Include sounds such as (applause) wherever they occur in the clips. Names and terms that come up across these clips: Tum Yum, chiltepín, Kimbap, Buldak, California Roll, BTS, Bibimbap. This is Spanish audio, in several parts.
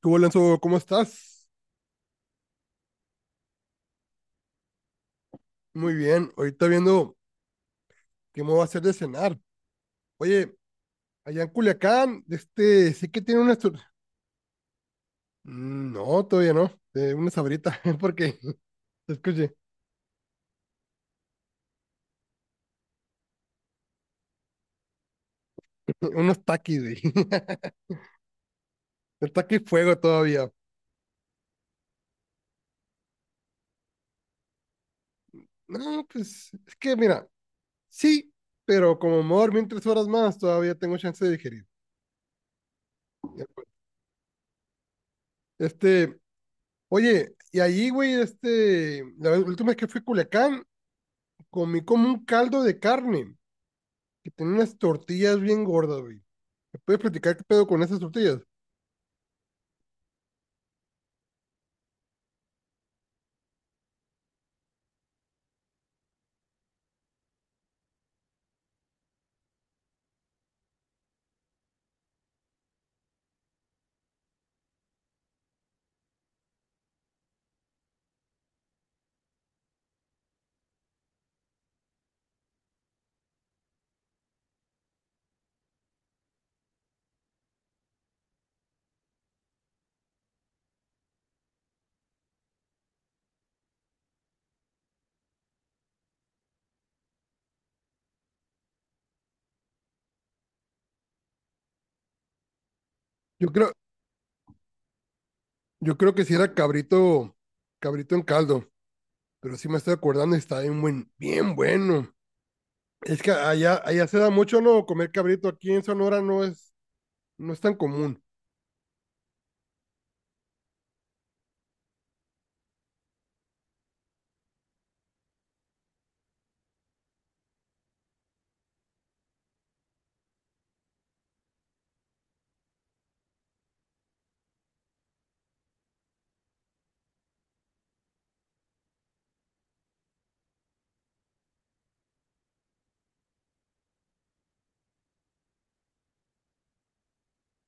Tú, Alonso, ¿cómo estás? Muy bien. Ahorita viendo qué me va a hacer de cenar. Oye, allá en Culiacán, sé que tiene unas... tur- Mm, No, todavía no. Una sabrita, (laughs) porque, escuche, unos taquis, güey. (laughs) El taqui fuego todavía. No, pues, es que mira, sí, pero como me voy a dormir 3 horas más, todavía tengo chance de digerir. Este, Oye, y allí, güey, la última vez que fui a Culiacán, comí como un caldo de carne que tenía unas tortillas bien gordas, güey. ¿Me puedes platicar qué pedo con esas tortillas? Yo creo, yo creo que si era cabrito, cabrito en caldo, pero sí me estoy acordando y está bien bueno. Es que allá se da mucho, ¿no? Comer cabrito aquí en Sonora no es tan común.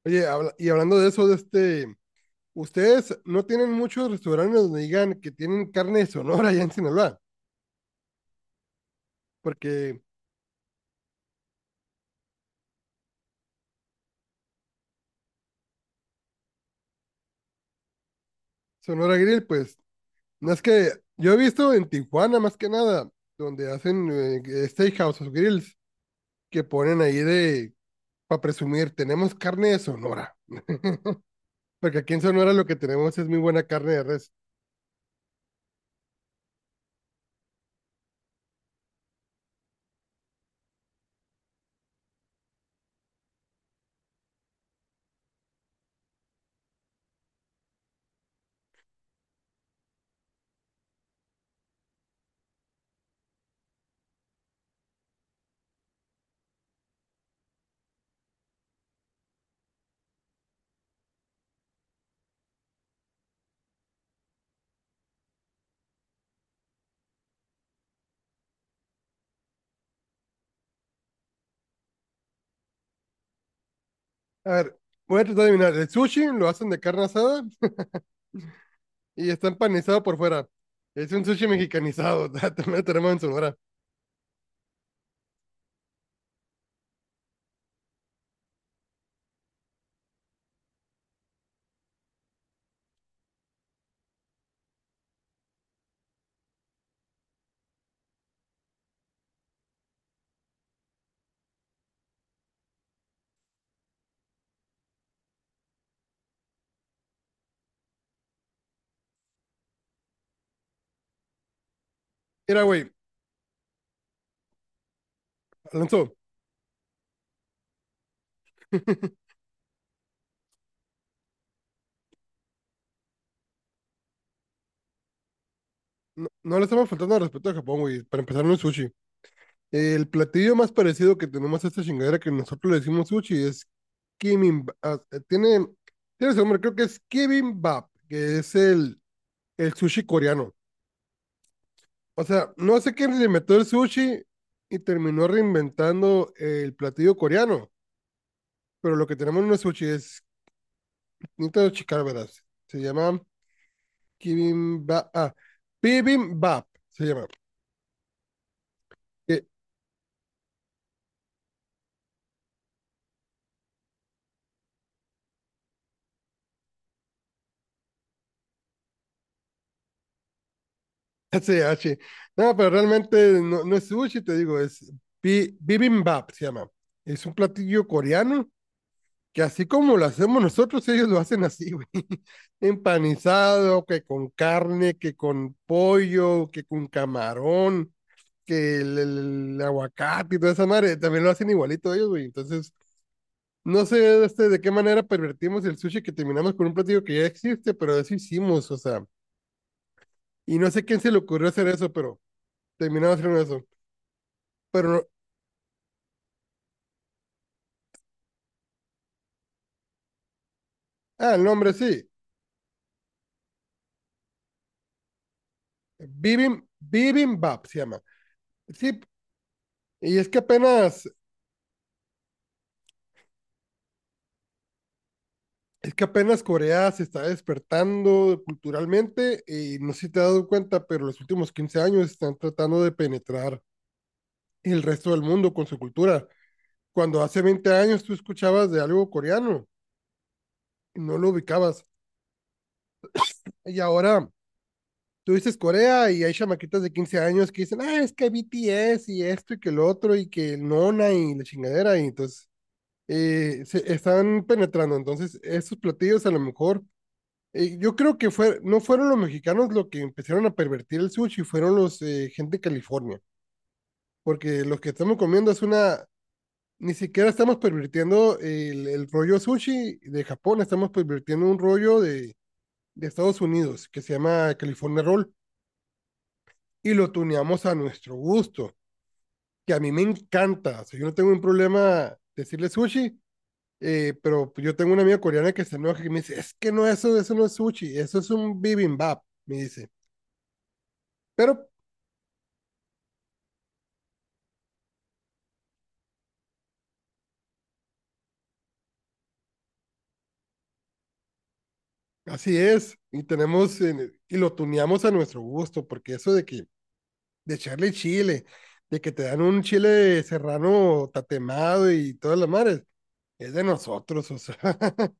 Oye, y hablando de eso, ustedes no tienen muchos restaurantes donde digan que tienen carne de Sonora allá en Sinaloa, porque Sonora Grill, pues, no es que yo he visto en Tijuana más que nada, donde hacen steakhouse o grills, que ponen ahí de, para presumir, tenemos carne de Sonora. (laughs) Porque aquí en Sonora lo que tenemos es muy buena carne de res. A ver, voy a tratar de adivinar. El sushi lo hacen de carne asada y está empanizado por fuera. Es un sushi mexicanizado, (laughs) también lo tenemos en Sonora. Mira, güey, Alonso, (laughs) no, no le estamos faltando al respeto a Japón, güey, para empezar no es sushi. El platillo más parecido que tenemos a esta chingadera que nosotros le decimos sushi es Kimbap. Tiene su nombre, creo que es Kimbap, que es el sushi coreano. O sea, no sé quién le inventó el sushi y terminó reinventando el platillo coreano, pero lo que tenemos no es sushi, es necesito checar, verás. Se llama Kimbap, Bibimbap, se llama. eh, (laughs) S h. No, pero realmente no, no es sushi, te digo, es Bibimbap, se llama. Es un platillo coreano que así como lo hacemos nosotros, ellos lo hacen así, güey. (laughs) Empanizado, que con carne, que con pollo, que con camarón, que el aguacate y toda esa madre, también lo hacen igualito ellos, güey. Entonces, no sé de qué manera pervertimos el sushi que terminamos con un platillo que ya existe, pero eso hicimos, o sea. Y no sé quién se le ocurrió hacer eso, pero terminamos haciendo eso. Pero, no- ah, el nombre sí. Bibimbap se llama. Sí, y es que apenas es que apenas Corea se está despertando culturalmente y no sé si te has dado cuenta, pero los últimos 15 años están tratando de penetrar el resto del mundo con su cultura. Cuando hace 20 años tú escuchabas de algo coreano y no lo ubicabas. Y ahora tú dices Corea y hay chamaquitas de 15 años que dicen, ah, es que BTS y esto y que el otro y que el Nona y la chingadera. Y entonces se están penetrando. Entonces, esos platillos a lo mejor yo creo que fue, no fueron los mexicanos los que empezaron a pervertir el sushi, fueron los gente de California, porque los que estamos comiendo es una, ni siquiera estamos pervirtiendo el rollo sushi de Japón, estamos pervirtiendo un rollo de Estados Unidos que se llama California Roll y lo tuneamos a nuestro gusto, que a mí me encanta, o sea, yo no tengo un problema decirle sushi, pero yo tengo una amiga coreana que se enoja y me dice, es que no, eso no es sushi, eso es un bibimbap, me dice. Pero así es, y tenemos en- y lo tuneamos a nuestro gusto, porque eso de que de echarle chile, de que te dan un chile serrano tatemado y todas las madres, es de nosotros, o sea, (laughs)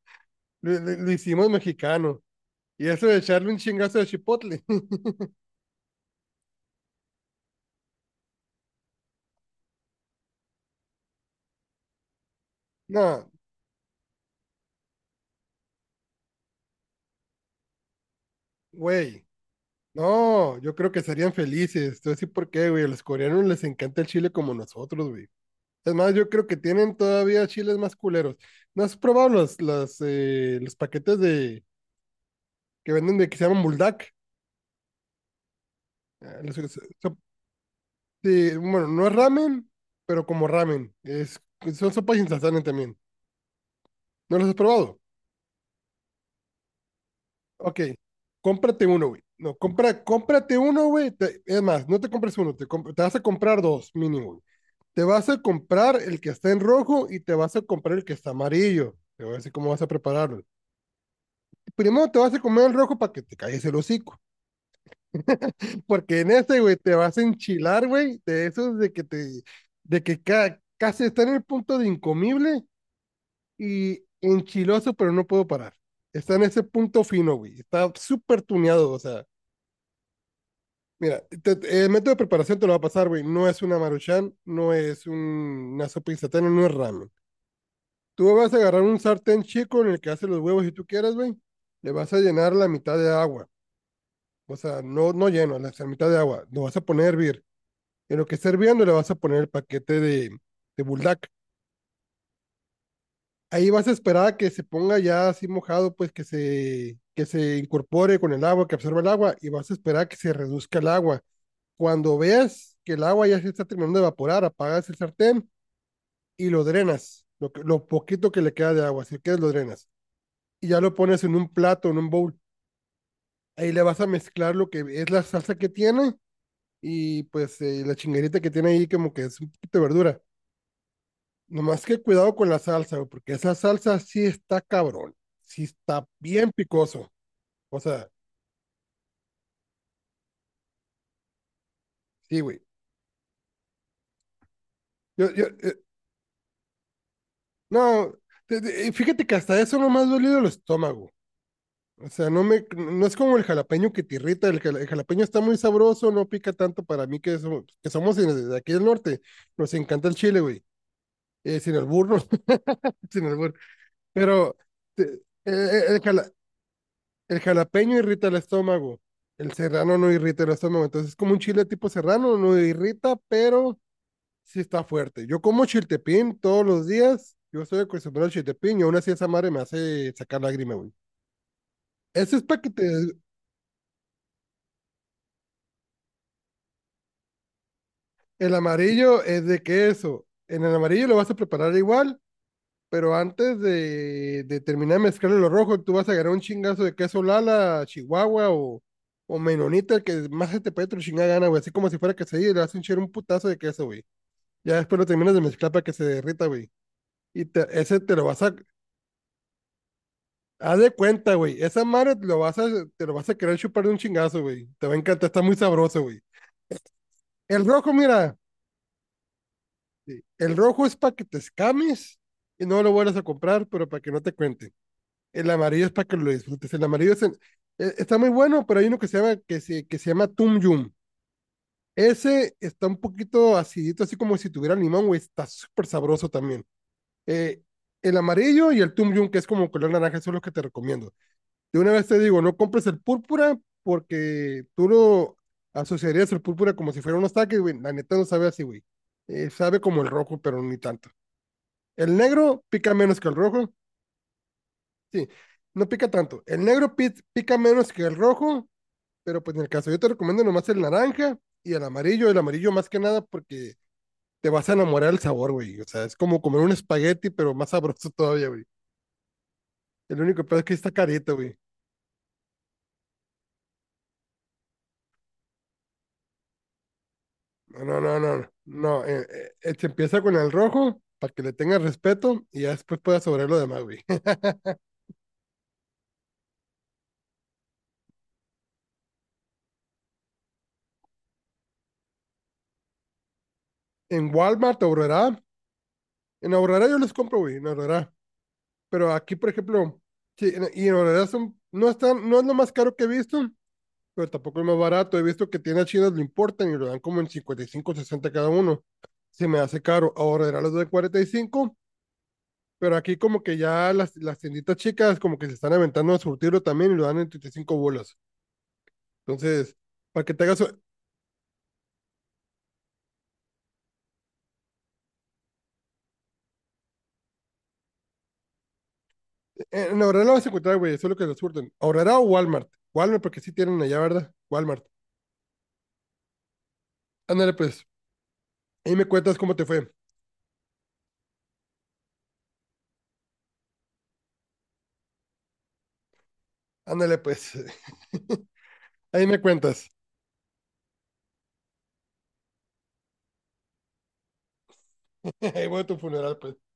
lo hicimos mexicano. Y eso de echarle un chingazo de chipotle, (laughs) no, güey, no, yo creo que serían felices. Te voy a decir por qué, güey, a los coreanos les encanta el chile como nosotros, güey. Es más, yo creo que tienen todavía chiles más culeros. ¿No has probado los paquetes de que venden de que se llaman buldak. Eh, las- so- so- sí, bueno, no es ramen, pero como ramen. Es, son sopas instantáneas también. ¿No los has probado? Ok, cómprate uno, güey. No, cómprate uno, güey. Es más, no te compres uno, te vas a comprar dos mínimo, güey. Te vas a comprar el que está en rojo y te vas a comprar el que está amarillo. Te voy a decir cómo vas a prepararlo. Primero te vas a comer el rojo para que te calles el hocico, porque en ese, güey, te vas a enchilar, güey, de esos de que te, de que casi está en el punto de incomible y enchiloso, pero no puedo parar. Está en ese punto fino, güey. Está súper tuneado, o sea. Mira, el método de preparación te lo va a pasar, güey. No es una maruchan, no es un- una sopa instantánea, no es ramen. Tú vas a agarrar un sartén chico en el que haces los huevos si tú quieres, güey. Le vas a llenar la mitad de agua. O sea, no, no lleno, la mitad de agua. Lo vas a poner a hervir. En lo que esté hirviendo le vas a poner el paquete de Buldak. Ahí vas a esperar a que se ponga ya así mojado, pues que que se incorpore con el agua, que absorba el agua, y vas a esperar a que se reduzca el agua. Cuando veas que el agua ya se está terminando de evaporar, apagas el sartén y lo drenas, lo poquito que le queda de agua, si quieres lo drenas. Y ya lo pones en un plato, en un bowl. Ahí le vas a mezclar lo que es la salsa que tiene y pues la chinguerita que tiene ahí como que es un poquito de verdura. Nomás que cuidado con la salsa, güey, porque esa salsa sí está cabrón. Sí está bien picoso. O sea, sí, güey. Yo, yo, eh, no, fíjate que hasta eso no me ha dolido el estómago. O sea, no me, no es como el jalapeño que te irrita. El jalapeño está muy sabroso, no pica tanto para mí que somos de aquí del norte. Nos encanta el chile, güey. Sin albur, no, (laughs) sin albur. Pero te- eh, eh, el jala- el jalapeño irrita el estómago. El serrano no irrita el estómago. Entonces es como un chile tipo serrano, no irrita, pero sí está fuerte. Yo como chiltepín todos los días. Yo estoy acostumbrado al chiltepín y aún así esa madre me hace sacar lágrima, güey. Ese es para que te... el amarillo es de queso. En el amarillo lo vas a preparar igual. Pero antes de terminar de mezclarle lo rojo, tú vas a agarrar un chingazo de queso Lala, Chihuahua o Menonita, el que más se te pegue tu chingada gana, güey. Así como si fuera quesadilla, y le vas a hinchar un putazo de queso, güey. Ya después lo terminas de mezclar para que se derrita, güey. Y te- ese te lo vas a. Haz de cuenta, güey. Esa madre te lo vas a querer chupar de un chingazo, güey. Te va a encantar, está muy sabroso, güey. El rojo, mira. Sí. El rojo es para que te escames y no lo vuelvas a comprar, pero para que no te cuente. El amarillo es para que lo disfrutes. El amarillo es en- está muy bueno, pero hay uno que se llama, que se llama Tum Yum. Ese está un poquito acidito, así como si tuviera limón, güey. Está súper sabroso también. Eh, el amarillo y el Tum Yum, que es como color naranja, eso es lo que te recomiendo. De una vez te digo, no compres el púrpura porque tú lo asociarías el púrpura como si fuera unos taques, güey. La neta no sabe así, güey. Sabe como el rojo, pero ni tanto. El negro pica menos que el rojo. Sí, no pica tanto. Pica menos que el rojo, pero pues en el caso yo te recomiendo nomás el naranja y el amarillo. El amarillo más que nada porque te vas a enamorar del sabor, güey. O sea, es como comer un espagueti, pero más sabroso (laughs) todavía, güey. El único peor es que está carito, güey. No, no, no, no. Se empieza con el rojo para que le tengas respeto y ya después puedas sobrar lo demás, güey. (laughs) En Walmart, Aurora, en Aurora yo los compro, güey, en Aurora. Pero aquí, por ejemplo, sí, y en Aurora son, no, están, no es lo más caro que he visto, pero tampoco es más barato. He visto que tiendas chinas lo importan y lo dan como en 55, 60 cada uno. Se me hace caro. Ahora era los de 45, pero aquí como que ya las tienditas chicas como que se están aventando a surtirlo también y lo dan en 35 bolas. Entonces, para que te hagas... en Aurora lo vas a encontrar, güey, eso es lo que lo surten. Aurora o Walmart. Walmart, porque sí tienen allá, ¿verdad? Walmart. Ándale pues, ahí me cuentas cómo te fue. Ándale pues, (laughs) ahí me cuentas. (laughs) Ahí voy a tu funeral pues.